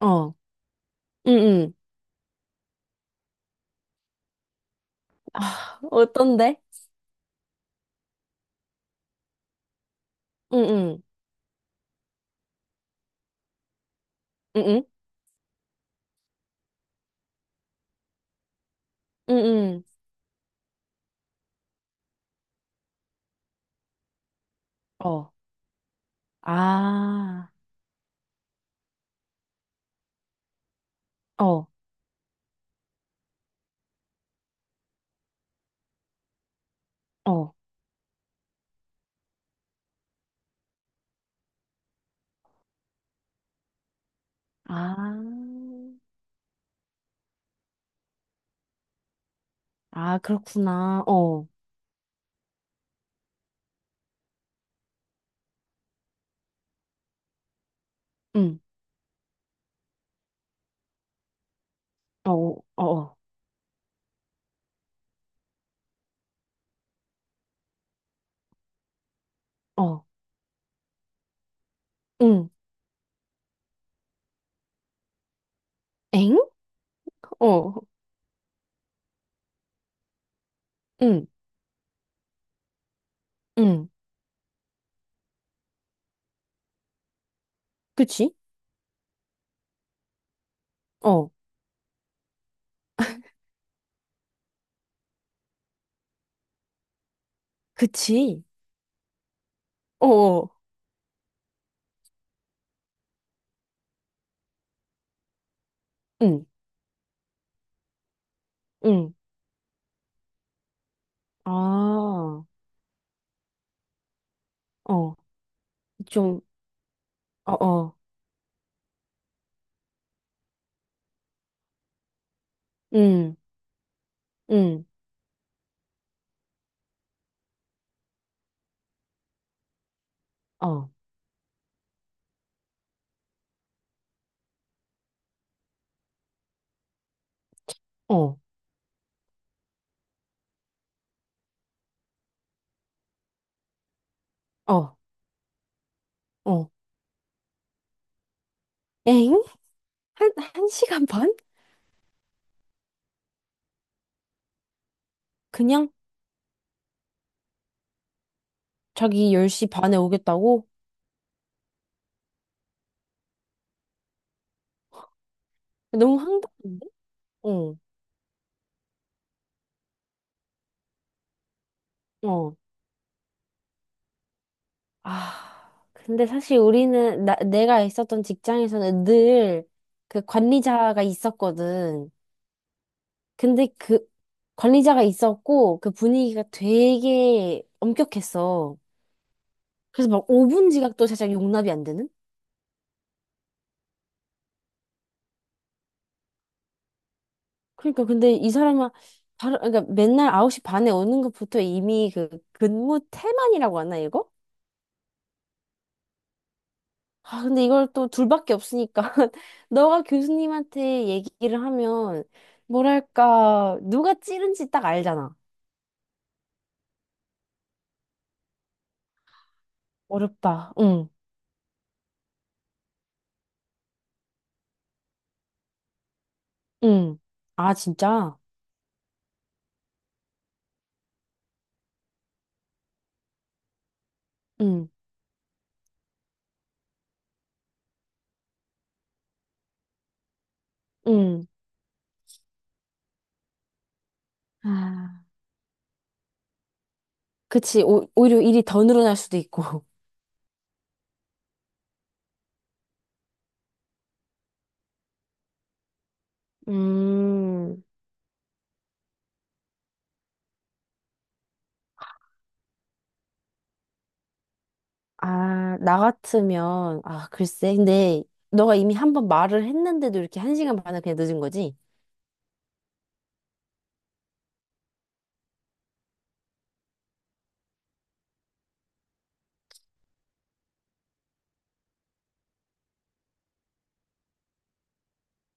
어, 응응. 아, 어떤데? 응응, 응응, 응응. 어, 아, 어, 어, 아, 아, 그렇구나. 어, 응, 어, 어, 어, 어, 응, 엥? 어, 응, 응, 그치? 어, 그치? 어, 어, 응, 응, 아, 어, 좀, 어, 어, 응, 응, 어, 어, 어, 어, 엥? 한 시간 반? 그냥 자기 10시 반에 오겠다고? 너무 황당한데? 어, 어. 아, 근데 사실 내가 있었던 직장에서는 늘 그 관리자가 있었거든. 근데 그 관리자가 있었고 그 분위기가 되게 엄격했어. 그래서 막 5분 지각도 살짝 용납이 안 되는? 그러니까 근데 이 사람은 바로, 그러니까 맨날 9시 반에 오는 것부터 이미 그 근무 태만이라고 하나, 이거? 아, 근데 이걸 또 둘밖에 없으니까. 너가 교수님한테 얘기를 하면, 뭐랄까, 누가 찌른지 딱 알잖아. 어렵다. 응, 응. 아, 진짜? 응, 응. 아, 그치. 오, 오히려 일이 더 늘어날 수도 있고. 음, 아, 나 같으면, 아, 글쎄. 근데 너가 이미 한번 말을 했는데도 이렇게 한 시간 반을 그냥 늦은 거지?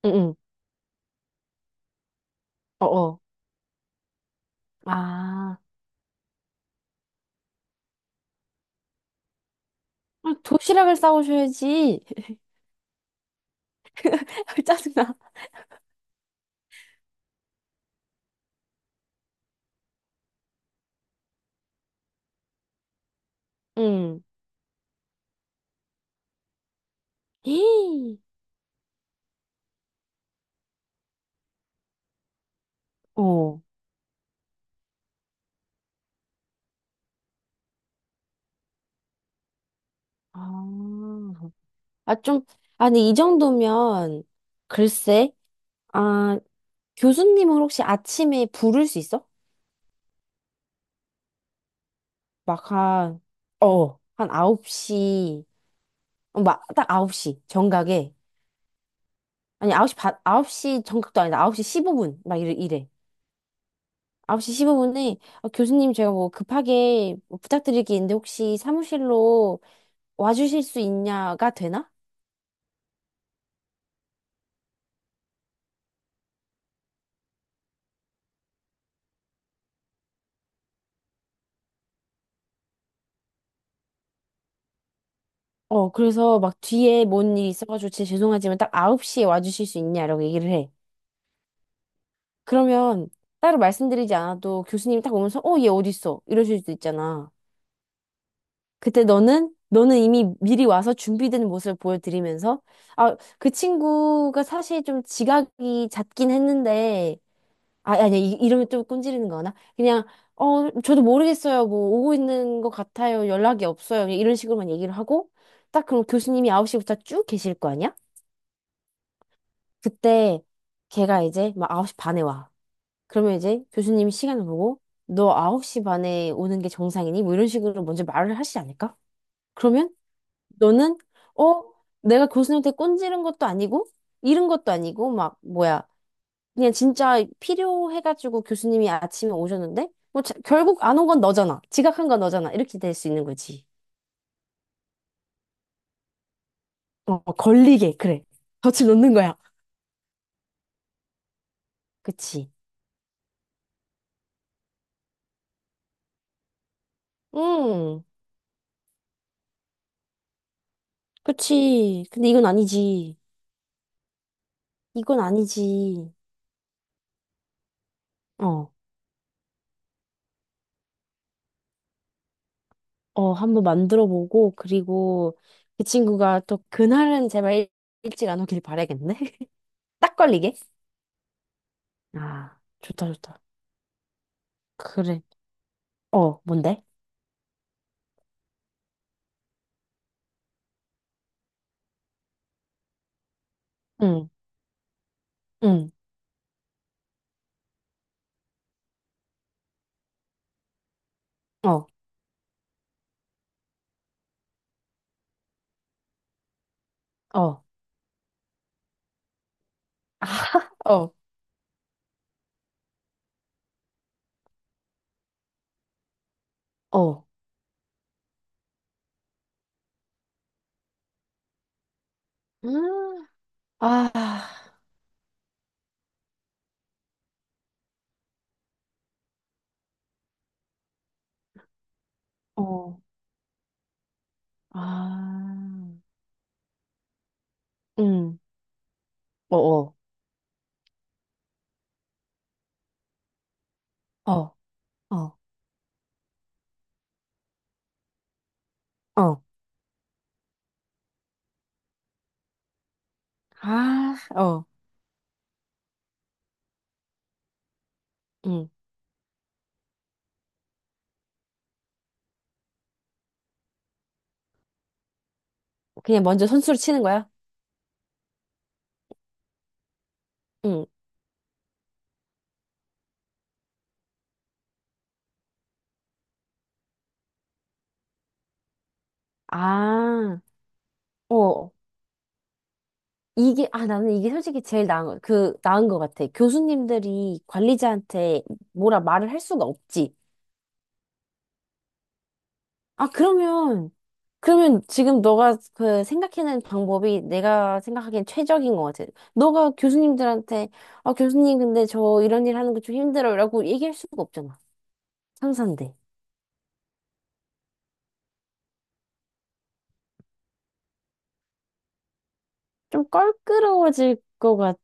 응, 응. 어어. 아, 아, 도시락을 싸오셔야지. 짜증나. 응. 헤이. 어. 아, 아, 좀, 아니, 이 정도면, 글쎄, 아, 교수님은 혹시 아침에 부를 수 있어? 막 한, 어, 한 9시, 어, 막, 딱 아홉 시 정각에. 아니, 9시 반, 아홉 시 정각도 아니다. 9시 15분, 막 이래, 이래. 9시 15분에, 교수님 제가 뭐 급하게 뭐 부탁드릴 게 있는데 혹시 사무실로 와주실 수 있냐가 되나? 어, 그래서 막 뒤에 뭔 일이 있어가지고 진짜 죄송하지만 딱 9시에 와주실 수 있냐라고 얘기를 해. 그러면 따로 말씀드리지 않아도 교수님이 딱 오면서 어, 얘 어디 있어? 이러실 수도 있잖아. 그때 너는 이미 미리 와서 준비된 모습을 보여드리면서 아, 그 친구가 사실 좀 지각이 잦긴 했는데 아, 아니 이러면 또 꼰지르는 거나 그냥 어, 저도 모르겠어요. 뭐 오고 있는 것 같아요. 연락이 없어요. 그냥 이런 식으로만 얘기를 하고 딱 그럼 교수님이 9시부터 쭉 계실 거 아니야? 그때 걔가 이제 막 9시 반에 와. 그러면 이제 교수님이 시간을 보고 너 9시 반에 오는 게 정상이니? 뭐 이런 식으로 먼저 말을 하시지 않을까? 그러면 너는 어? 내가 교수님한테 꼰지른 것도 아니고 잃은 것도 아니고 막 뭐야 그냥 진짜 필요해가지고 교수님이 아침에 오셨는데 뭐 결국 안 온 건 너잖아. 지각한 건 너잖아. 이렇게 될 수 있는 거지. 어, 걸리게 그래. 덫을 놓는 거야. 그치. 음, 그치. 근데 이건 아니지. 이건 아니지. 어, 어, 한번 만들어 보고, 그리고 그 친구가 또 그날은 제발 일- 찍 안 오길 바라겠네. 딱 걸리게. 아, 좋다, 좋다. 그래. 어, 뭔데? 응, 응, 어, 어, 아, 어, 어. 음, 아, 어, 아, 응, 어, 어, 어, 어, 어, 아, 어, 응. 그냥 먼저 선수를 치는 거야? 응. 아, 어. 이게, 아, 나는 이게 솔직히 제일 나은 것 같아. 교수님들이 관리자한테 뭐라 말을 할 수가 없지. 아, 그러면, 그러면 지금 너가 그 생각해낸 방법이 내가 생각하기엔 최적인 것 같아. 너가 교수님들한테, 아, 교수님, 근데 저 이런 일 하는 거 좀 힘들어요. 라고 얘기할 수가 없잖아. 상사인데. 좀 껄끄러워질 것 같아.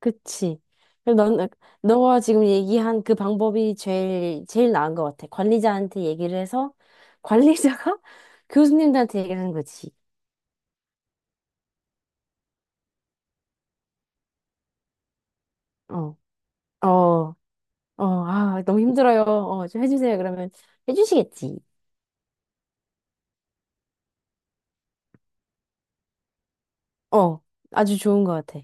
그치. 그리고 넌, 너가 지금 얘기한 그 방법이 제일 나은 것 같아. 관리자한테 얘기를 해서, 관리자가 교수님들한테 얘기를 하는 거지. 어, 어, 어, 아, 너무 힘들어요. 어, 좀 해주세요. 그러면 해주시겠지. 어, 아주 좋은 것 같아.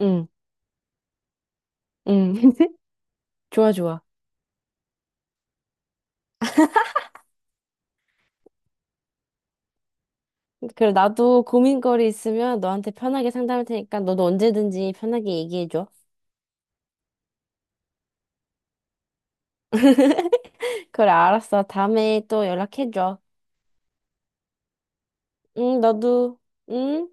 응, 응. 좋아, 좋아. 그래, 나도 고민거리 있으면 너한테 편하게 상담할 테니까 너도 언제든지 편하게 얘기해줘. 그래, 알았어. 다음에 또 연락해줘. 응, 너도, 응?